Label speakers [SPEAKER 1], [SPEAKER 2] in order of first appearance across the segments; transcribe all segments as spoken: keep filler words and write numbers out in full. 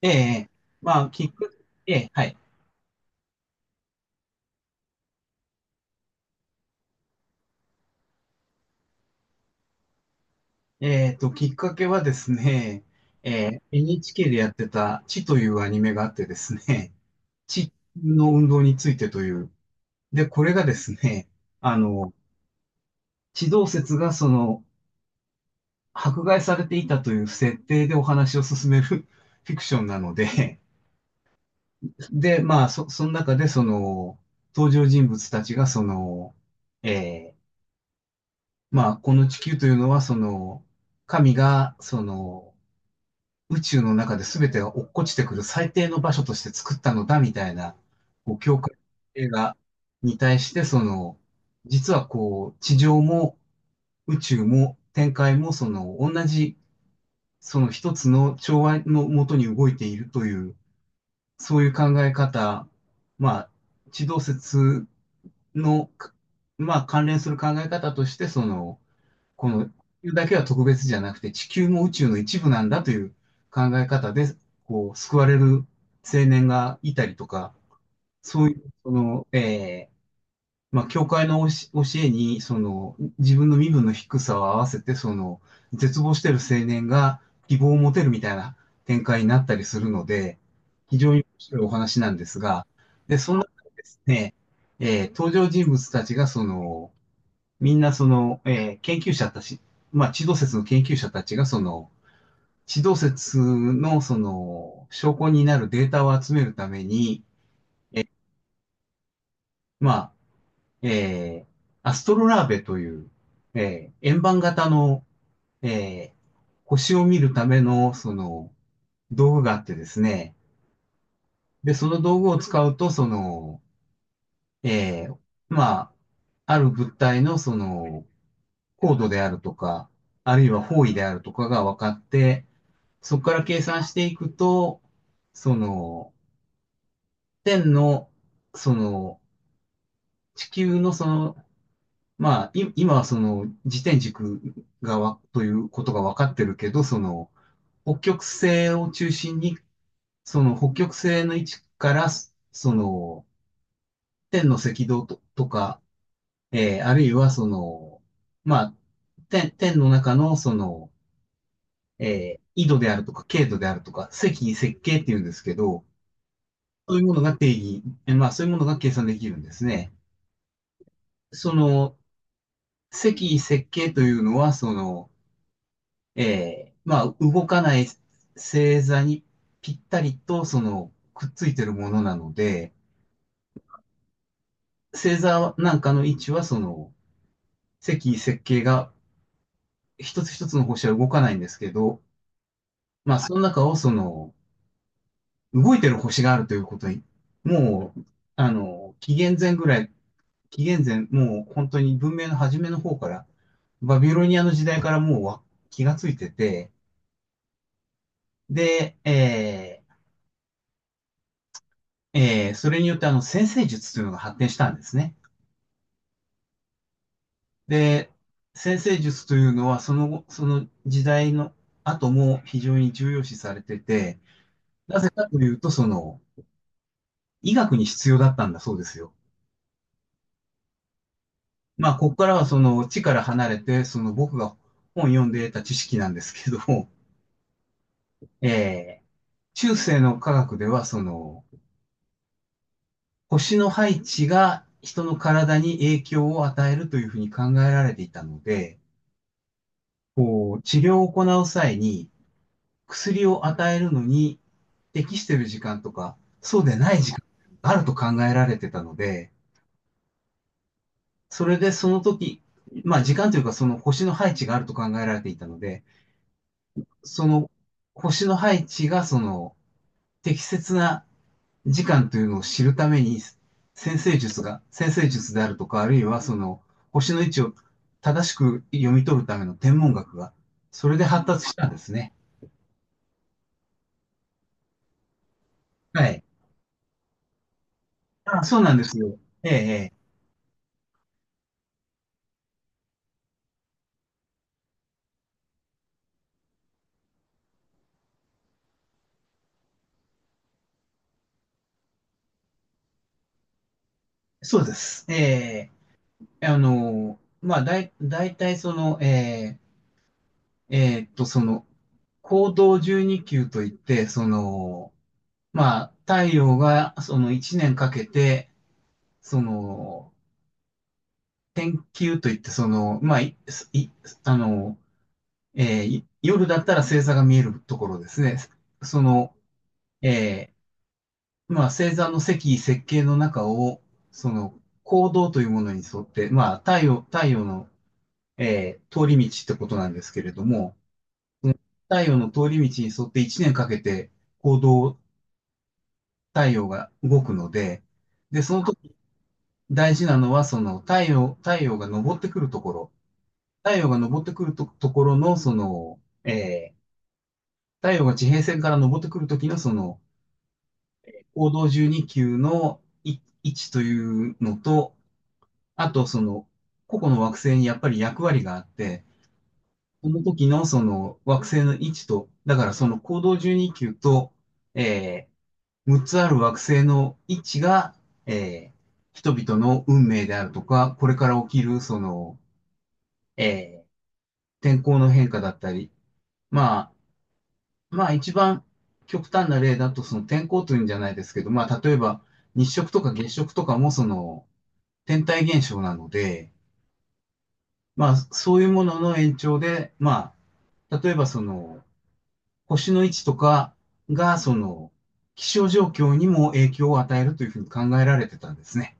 [SPEAKER 1] ええ、まあ、きっかけ、ええ、はい。えっと、きっかけはですね、え エヌエイチケー でやってた、地というアニメがあってですね、地の運動についてという。で、これがですね、あの、地動説がその、迫害されていたという設定でお話を進める フィクションなので、で、まあ、そ、その中でその、登場人物たちがその、えーまあ、この地球というのはその、神がその、宇宙の中で全てが落っこちてくる最低の場所として作ったのだみたいな、こう、教会映画に対して、その、実はこう、地上も宇宙も展開も、その、同じ、その一つの調和のもとに動いているという、そういう考え方、まあ、地動説の、まあ、関連する考え方として、その、この地球だけは特別じゃなくて地球も宇宙の一部なんだという考え方で、こう、救われる青年がいたりとか、そういう、その、えーまあ、教会の教えに、その、自分の身分の低さを合わせて、その、絶望している青年が希望を持てるみたいな展開になったりするので、非常に面白いお話なんですが、で、その中でですね、えー登場人物たちがその、みんなその、えー研究者たち、まあ、地動説の研究者たちがその、地動説のその、証拠になるデータを集めるために、まあ、えーアストロラーベという、えー円盤型の、えー星を見るための、その、道具があってですね。で、その道具を使うと、その、えーまあ、ある物体の、その、高度であるとか、あるいは方位であるとかが分かって、そこから計算していくと、その、天の、その、地球のその、まあ、い今はその、自転軸がわ、ということが分かってるけど、その、北極星を中心に、その北極星の位置から、その、天の赤道と、とか、えーあるいはその、まあ、天、天の中のその、えー緯度であるとか、経度であるとか、赤緯赤経っていうんですけど、そういうものが定義、まあそういうものが計算できるんですね。その、積設計というのは、その、えー、まあ動かない星座にぴったりと、その、くっついてるものなので、星座なんかの位置は、その、積設計が一つ一つの星は動かないんですけど、まあその中をその、動いてる星があるということに、もう、あの、紀元前ぐらい紀元前、もう本当に文明の初めの方から、バビロニアの時代からもうわ気がついてて、で、えーえーそれによってあの先生術というのが発展したんですね。で、先生術というのはその後、その時代の後も非常に重要視されてて、なぜかというと、その、医学に必要だったんだそうですよ。まあ、ここからはその地から離れて、その僕が本読んで得た知識なんですけど、えー中世の科学では、その、星の配置が人の体に影響を与えるというふうに考えられていたので、こう治療を行う際に薬を与えるのに適している時間とか、そうでない時間があると考えられてたので、それでその時、まあ時間というかその星の配置があると考えられていたので、その星の配置がその適切な時間というのを知るために、先生術が、先生術であるとか、あるいはその、星の位置を正しく読み取るための天文学が、それで発達したんですね。はい。あ、そうなんですよ。ええ、ええそうです。ええ、あの、まあ、だい、大体その、ええ、えーっと、その、行動じゅうに級といって、その、まあ、太陽がそのいちねんかけて、その、天球といって、その、まあ、い、いあの、えーい夜だったら星座が見えるところですね。その、えーまあ、星座の積、設計の中を、その、行動というものに沿って、まあ、太陽、太陽の、えー通り道ってことなんですけれども、太陽の通り道に沿っていちねんかけて行動、太陽が動くので、で、その時大事なのは、その太陽、太陽が昇ってくるところ。太陽が昇ってくると、ところの、その、えー太陽が地平線から昇ってくるときの、その、黄道じゅうに宮のい位置というのと、あと、その、個々の惑星にやっぱり役割があって、その時のその惑星の位置と、だからその黄道じゅうに宮と、えー、むっつある惑星の位置が、えー人々の運命であるとか、これから起きる、その、えー天候の変化だったり、まあ、まあ一番極端な例だと、その天候というんじゃないですけど、まあ例えば日食とか月食とかもその天体現象なので、まあそういうものの延長で、まあ例えばその星の位置とかがその気象状況にも影響を与えるというふうに考えられてたんですね。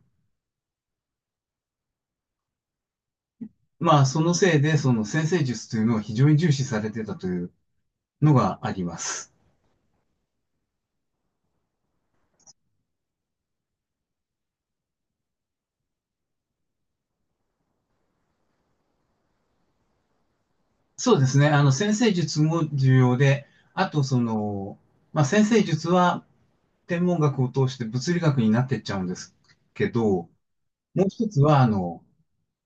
[SPEAKER 1] まあそのせいでその先生術というのを非常に重視されてたというのがあります。そうですね。あの先生術も重要で、あとその、まあ先生術は天文学を通して物理学になってっちゃうんですけど、もう一つは、あの、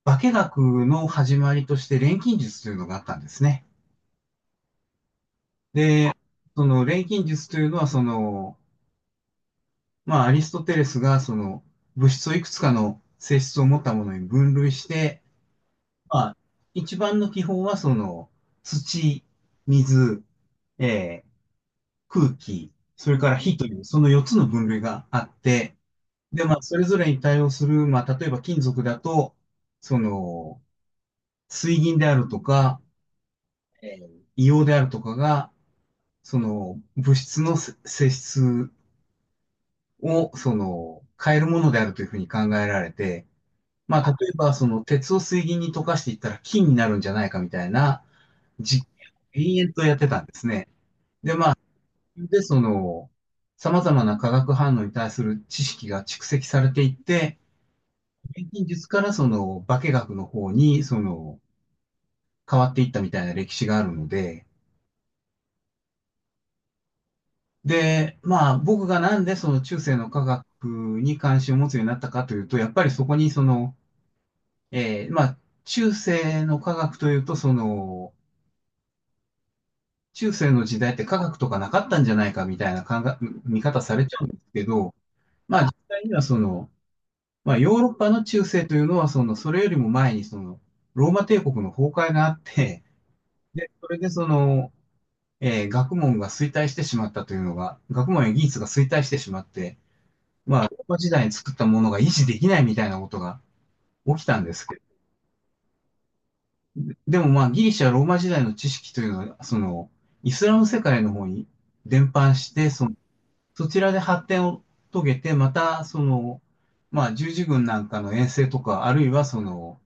[SPEAKER 1] 化学の始まりとして錬金術というのがあったんですね。で、その錬金術というのは、その、まあ、アリストテレスが、その、物質をいくつかの性質を持ったものに分類して、まあ、一番の基本は、その、土、水、えー空気、それから火という、そのよっつの分類があって、で、まあ、それぞれに対応する、まあ、例えば金属だと、その、水銀であるとか、えー硫黄であるとかが、その、物質のせ性質を、その、変えるものであるというふうに考えられて、まあ、例えば、その、鉄を水銀に溶かしていったら金になるんじゃないかみたいな実験を延々とやってたんですね。で、その、様々な化学反応に対する知識が蓄積されていって、錬金術からその化学の方に、その、変わっていったみたいな歴史があるので、で、まあ僕がなんでその中世の科学に関心を持つようになったかというと、やっぱりそこにその、えーまあ中世の科学というと、その、中世の時代って科学とかなかったんじゃないかみたいな考え見方されちゃうんですけど、まあ実際にはその、まあヨーロッパの中世というのはその、それよりも前にその、ローマ帝国の崩壊があって、で、それでその、えー学問が衰退してしまったというのが、学問や技術が衰退してしまって、まあ、ローマ時代に作ったものが維持できないみたいなことが起きたんですけど、でもまあ、ギリシャ、ローマ時代の知識というのは、その、イスラム世界の方に伝播して、そのそちらで発展を遂げて、また、その、まあ、十字軍なんかの遠征とか、あるいはその、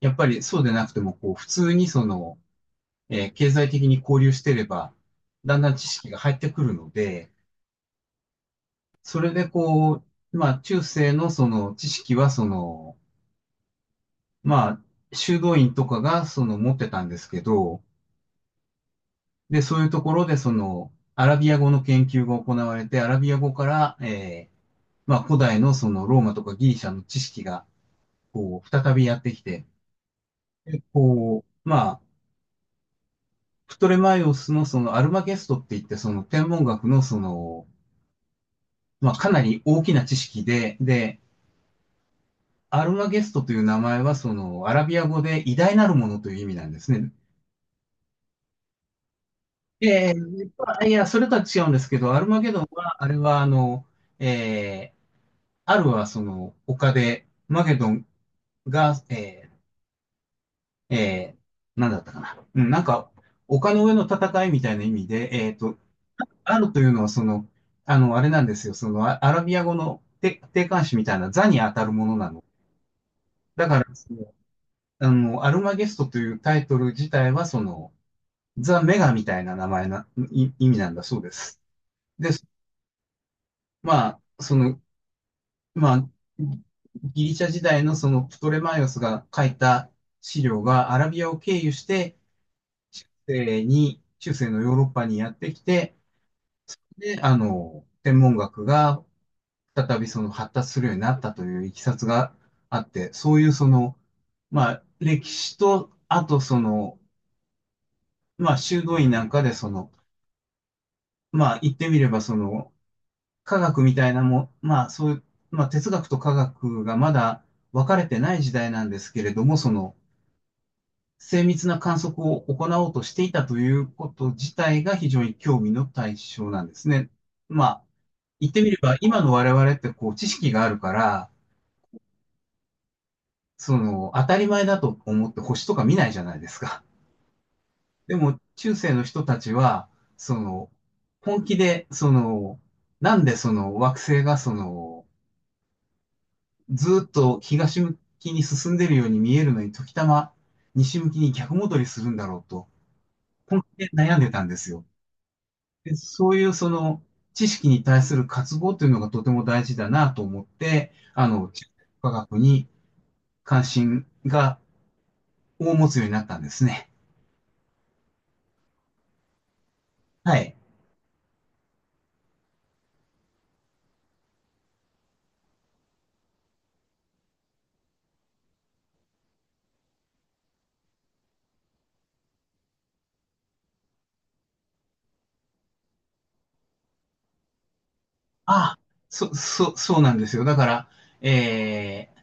[SPEAKER 1] やっぱりそうでなくても、こう、普通にその、えー経済的に交流してれば、だんだん知識が入ってくるので、それでこう、まあ中世のその知識はその、まあ修道院とかがその持ってたんですけど、で、そういうところでそのアラビア語の研究が行われて、アラビア語から、えーまあ古代のそのローマとかギリシャの知識がこう再びやってきて、でこう、まあ、プトレマイオスのそのアルマゲストって言ってその天文学のその、まあかなり大きな知識で、で、アルマゲストという名前は、その、アラビア語で偉大なるものという意味なんですね。えー、いや、それとは違うんですけど、アルマゲドンは、あれは、あの、えー、アルはその、丘で、マゲドンが、えー、えー、なんだったかな。うん、なんか、丘の上の戦いみたいな意味で、えっと、アルというのは、その、あの、あれなんですよ、その、アラビア語の定定冠詞みたいな座に当たるものなの。だから、そのあの、アルマゲストというタイトル自体は、その、ザ・メガみたいな名前な、い意味なんだそうです。で、まあ、その、まあ、ギリシャ時代のそのプトレマイオスが書いた資料がアラビアを経由して、中世に、中世のヨーロッパにやってきて、で、あの、天文学が再びその発達するようになったといういきさつがあって、そういうその、まあ、歴史と、あとその、まあ、修道院なんかでその、まあ、言ってみればその、科学みたいなも、まあそういう、まあ哲学と科学がまだ分かれてない時代なんですけれども、その精密な観測を行おうとしていたということ自体が非常に興味の対象なんですね。まあ言ってみれば今の我々ってこう知識があるから、その当たり前だと思って星とか見ないじゃないですか。でも中世の人たちは、その本気でそのなんでその惑星がそのずーっと東向きに進んでるように見えるのに、時たま西向きに逆戻りするんだろうと、本気で悩んでたんですよ。で、そういうその知識に対する渇望というのがとても大事だなと思って、あの、地球科学に関心が大持つようになったんですね。はい。ああ、そ、そ、そうなんですよ。だから、えー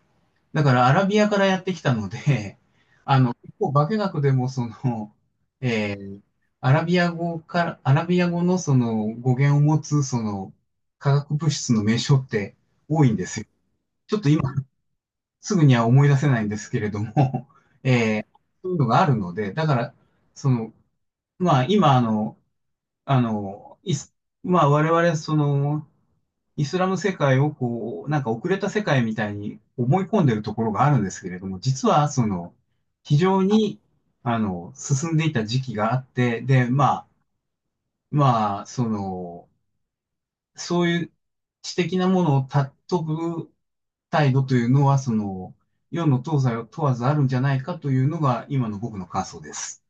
[SPEAKER 1] だからアラビアからやってきたので、あの、結構化学でもその、えーアラビア語から、アラビア語のその語源を持つその化学物質の名称って多いんですよ。ちょっと今すぐには思い出せないんですけれども、えーそういうのがあるので、だから、その、まあ今あの、あの、いまあ我々その、イスラム世界をこう、なんか遅れた世界みたいに思い込んでるところがあるんですけれども、実はその、非常に、あの、進んでいた時期があって、で、まあ、まあ、その、そういう知的なものを尊ぶ態度というのは、その、世の東西を問わずあるんじゃないかというのが、今の僕の感想です。